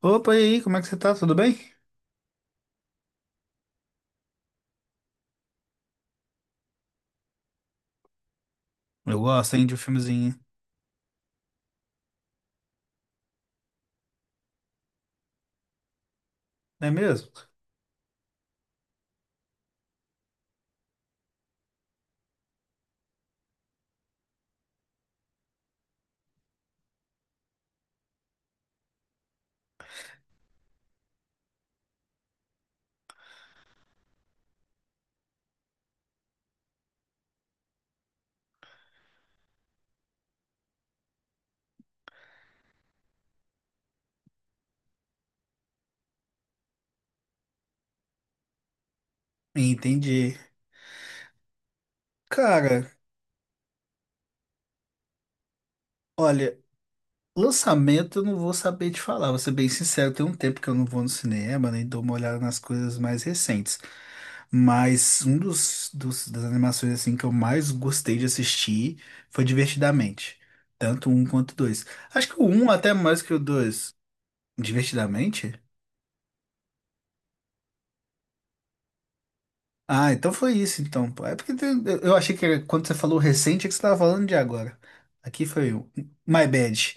Opa, e aí, como é que você tá? Tudo bem? Eu gosto, hein, de um filmezinho. Não é mesmo? Entendi. Cara, olha, lançamento eu não vou saber te falar, vou ser bem sincero, tem um tempo que eu não vou no cinema, nem dou uma olhada nas coisas mais recentes. Mas um dos das animações assim que eu mais gostei de assistir foi Divertidamente. Tanto o um quanto o dois. Acho que o um até mais que o dois. Divertidamente? Ah, então foi isso, então, pô. É porque eu achei que era- quando você falou recente é que você estava falando de agora. Aqui foi o My Bad.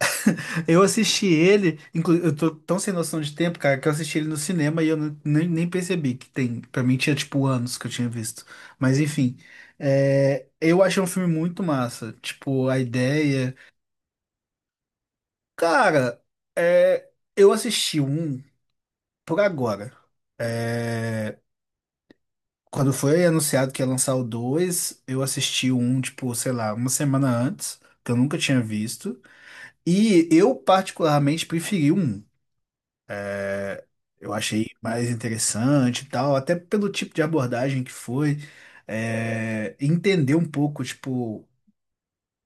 Eu assisti ele, inclu- eu tô tão sem noção de tempo, cara, que eu assisti ele no cinema e eu nem percebi que tem. Pra mim tinha tipo anos que eu tinha visto. Mas enfim, eu achei um filme muito massa. Tipo, a ideia. Cara, é, eu assisti um por agora. É, Quando foi anunciado que ia lançar o 2 eu assisti o 1, tipo, sei lá, uma semana antes, que eu nunca tinha visto. E eu particularmente preferi o 1. Eu achei mais interessante e tal, até pelo tipo de abordagem que foi. Entender um pouco, tipo.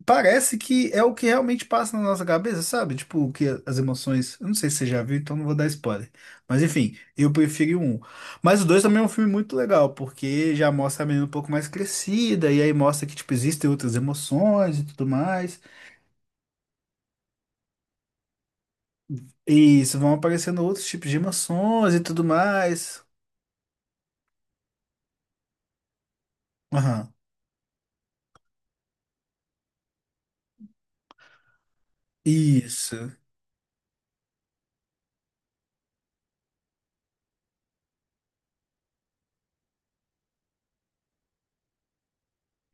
Parece que é o que realmente passa na nossa cabeça, sabe? Tipo, o que as emoções. Eu não sei se você já viu, então não vou dar spoiler. Mas enfim, eu preferi o um. Mas o dois também é um filme muito legal, porque já mostra a menina um pouco mais crescida, e aí mostra que, tipo, existem outras emoções e tudo mais. E isso vão aparecendo outros tipos de emoções e tudo mais. Aham. Isso.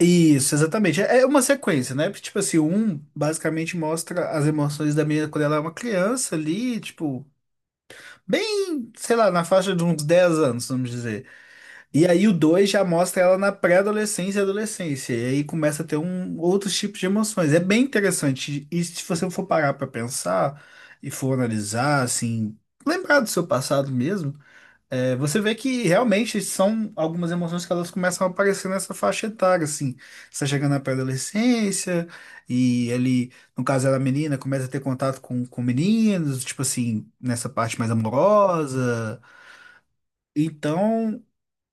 Isso, exatamente. É uma sequência, né? Porque, tipo assim, o um basicamente mostra as emoções da menina quando ela é uma criança ali, tipo. Bem, sei lá, na faixa de uns 10 anos, vamos dizer. E aí o 2 já mostra ela na pré-adolescência e adolescência. E aí começa a ter um, outros tipos de emoções. É bem interessante. E se você for parar pra pensar e for analisar, assim, lembrar do seu passado mesmo, você vê que realmente são algumas emoções que elas começam a aparecer nessa faixa etária, assim. Você tá chegando na pré-adolescência, e ele, no caso ela é menina, começa a ter contato com meninos, tipo assim, nessa parte mais amorosa. Então,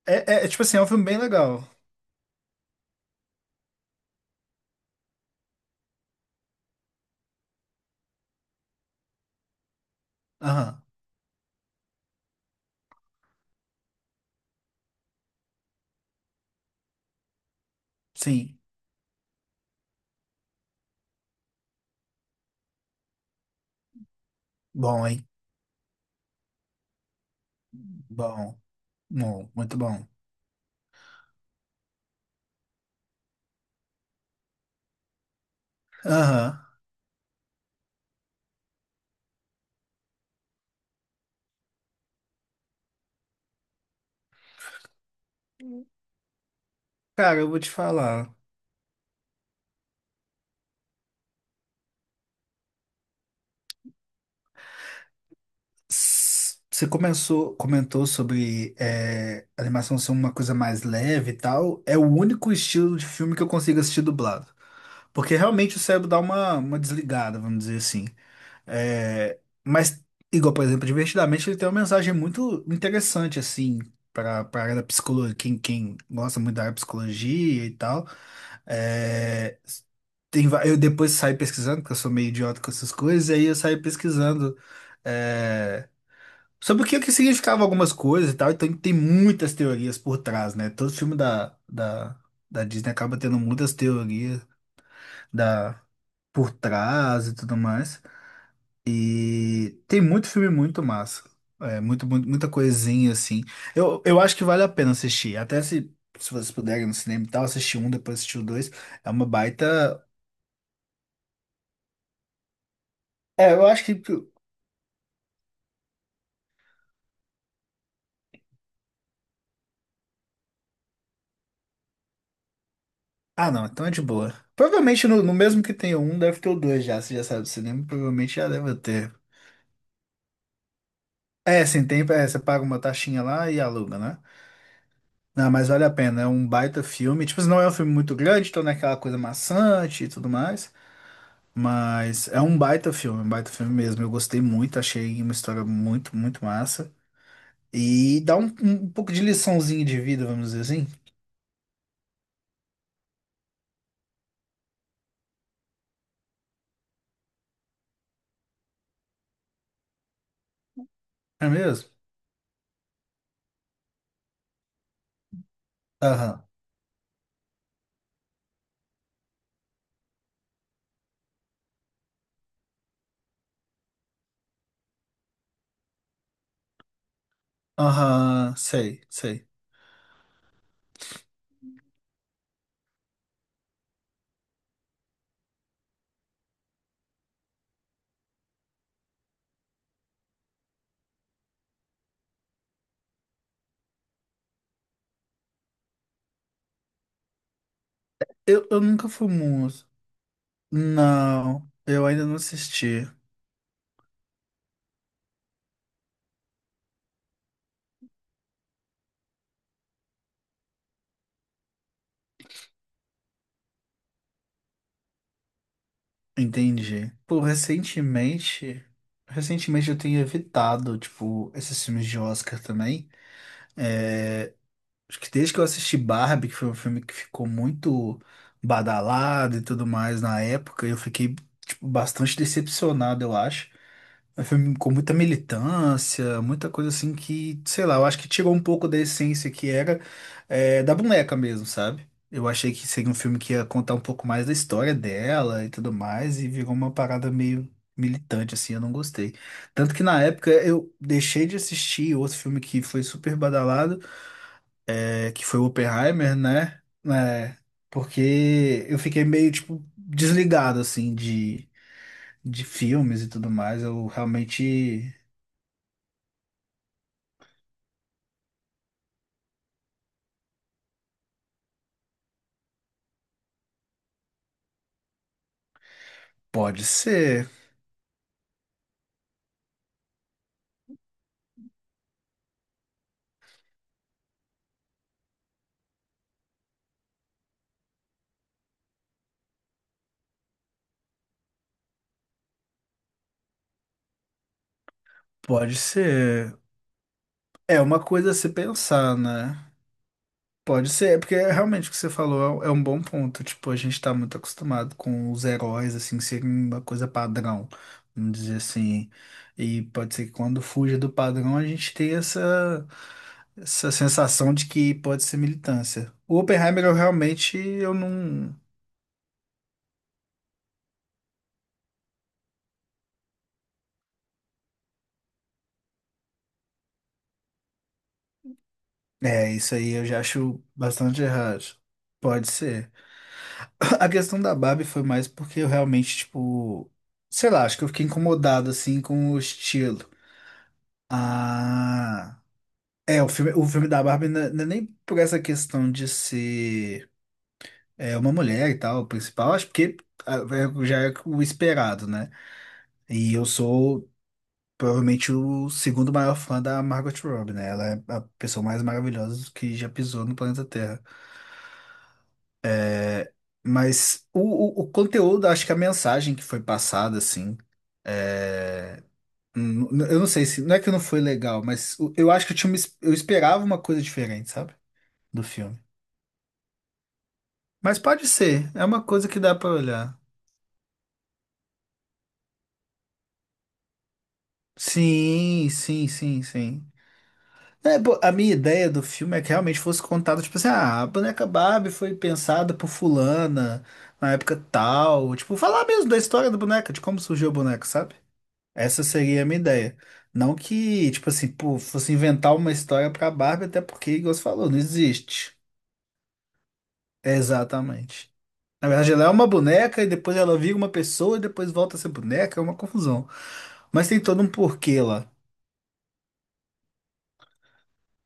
tipo assim, é um filme bem legal. Aham, sim. Bom, hein? Bom, bom, muito bom. Aham. Cara, eu vou te falar. S- Você começou, comentou sobre animação ser uma coisa mais leve e tal. É o único estilo de filme que eu consigo assistir dublado. Porque realmente o cérebro dá uma desligada, vamos dizer assim. É, mas, igual, por exemplo, Divertidamente, ele tem uma mensagem muito interessante, assim, para a área da psicologia, quem gosta muito da área de psicologia e tal. É, tem, va- eu depois saí pesquisando, porque eu sou meio idiota com essas coisas, e aí eu saí pesquisando. é, sobre o que significava algumas coisas e tal, então tem muitas teorias por trás, né? Todo filme da Disney acaba tendo muitas teorias da, por trás e tudo mais. E tem muito filme muito massa. É, muita coisinha assim. Eu acho que vale a pena assistir. Até se, se vocês puderem no cinema e tal, assistir um, depois assistir o dois. É uma baita. É, eu acho que. Ah, não, então é de boa. Provavelmente no mesmo que tem o um, deve ter o dois já. Se já sabe do cinema, provavelmente já deve ter. É, sem tempo, é, você paga uma taxinha lá e aluga, né? Não, mas vale a pena, é um baita filme. Tipo, não é um filme muito grande, então não é aquela coisa maçante e tudo mais. Mas é um baita filme mesmo. Eu gostei muito, achei uma história muito, muito massa. E dá um, um pouco de liçãozinha de vida, vamos dizer assim. É mesmo? Aham. Aham, sei, sei. Eu nunca fui muito. Não, eu ainda não assisti. Entendi. Pô, recentemente eu tenho evitado, tipo, esses filmes de Oscar também. É, acho que desde que eu assisti Barbie, que foi um filme que ficou muito badalado e tudo mais na época, eu fiquei, tipo, bastante decepcionado, eu acho. É um filme com muita militância, muita coisa assim que, sei lá, eu acho que tirou um pouco da essência que era da boneca mesmo, sabe? Eu achei que seria um filme que ia contar um pouco mais da história dela e tudo mais, e virou uma parada meio militante, assim, eu não gostei. Tanto que na época eu deixei de assistir outro filme que foi super badalado, que foi o Oppenheimer, né? Porque eu fiquei meio, tipo, desligado, assim, de filmes e tudo mais. Eu realmente. Pode ser, pode ser. É uma coisa a se pensar, né? Pode ser, é porque realmente o que você falou é um bom ponto. Tipo, a gente tá muito acostumado com os heróis, assim, serem uma coisa padrão, vamos dizer assim. E pode ser que quando fuja do padrão, a gente tenha essa, essa sensação de que pode ser militância. O Oppenheimer, eu realmente, eu não... É, isso aí eu já acho bastante errado. Pode ser. A questão da Barbie foi mais porque eu realmente, tipo, sei lá, acho que eu fiquei incomodado assim com o estilo. Ah, é, o filme da Barbie não é nem por essa questão de ser uma mulher e tal, o principal, acho porque ah, é- já é o esperado, né? E eu sou provavelmente o segundo maior fã da Margot Robbie, né? Ela é a pessoa mais maravilhosa que já pisou no planeta Terra. Mas o conteúdo, acho que a mensagem que foi passada, assim. é, Eu não sei se. Não é que não foi legal, mas eu acho que eu tinha uma eu esperava uma coisa diferente, sabe? Do filme. Mas pode ser, é uma coisa que dá pra olhar. Sim. É, pô, a minha ideia do filme é que realmente fosse contado, tipo assim, ah, a boneca Barbie foi pensada por fulana na época tal. Tipo, falar mesmo da história da boneca, de como surgiu a boneca, sabe? Essa seria a minha ideia. Não que, tipo assim, pô, fosse inventar uma história pra Barbie, até porque, igual você falou, não existe. Exatamente. Na verdade, ela é uma boneca e depois ela vira uma pessoa e depois volta a ser boneca, é uma confusão. Mas tem todo um porquê lá.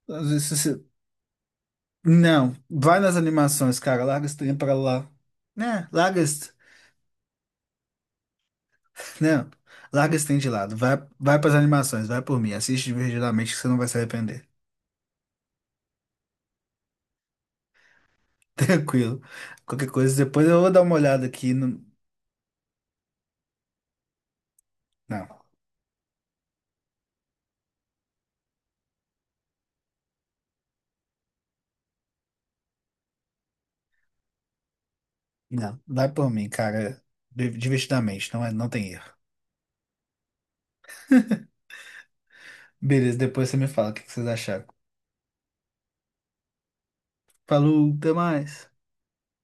Às vezes você... Não, vai nas animações, cara, larga esse trem pra lá. Né, larga esse... Não, larga esse trem de lado, vai, vai pras animações, vai por mim, assiste divertidamente que você não vai se arrepender. Tranquilo. Qualquer coisa, depois eu vou dar uma olhada aqui, no- Não, não, vai por mim, cara, divertidamente, não, é, não tem erro. Beleza, depois você me fala o que que vocês acharam. Falou, até mais.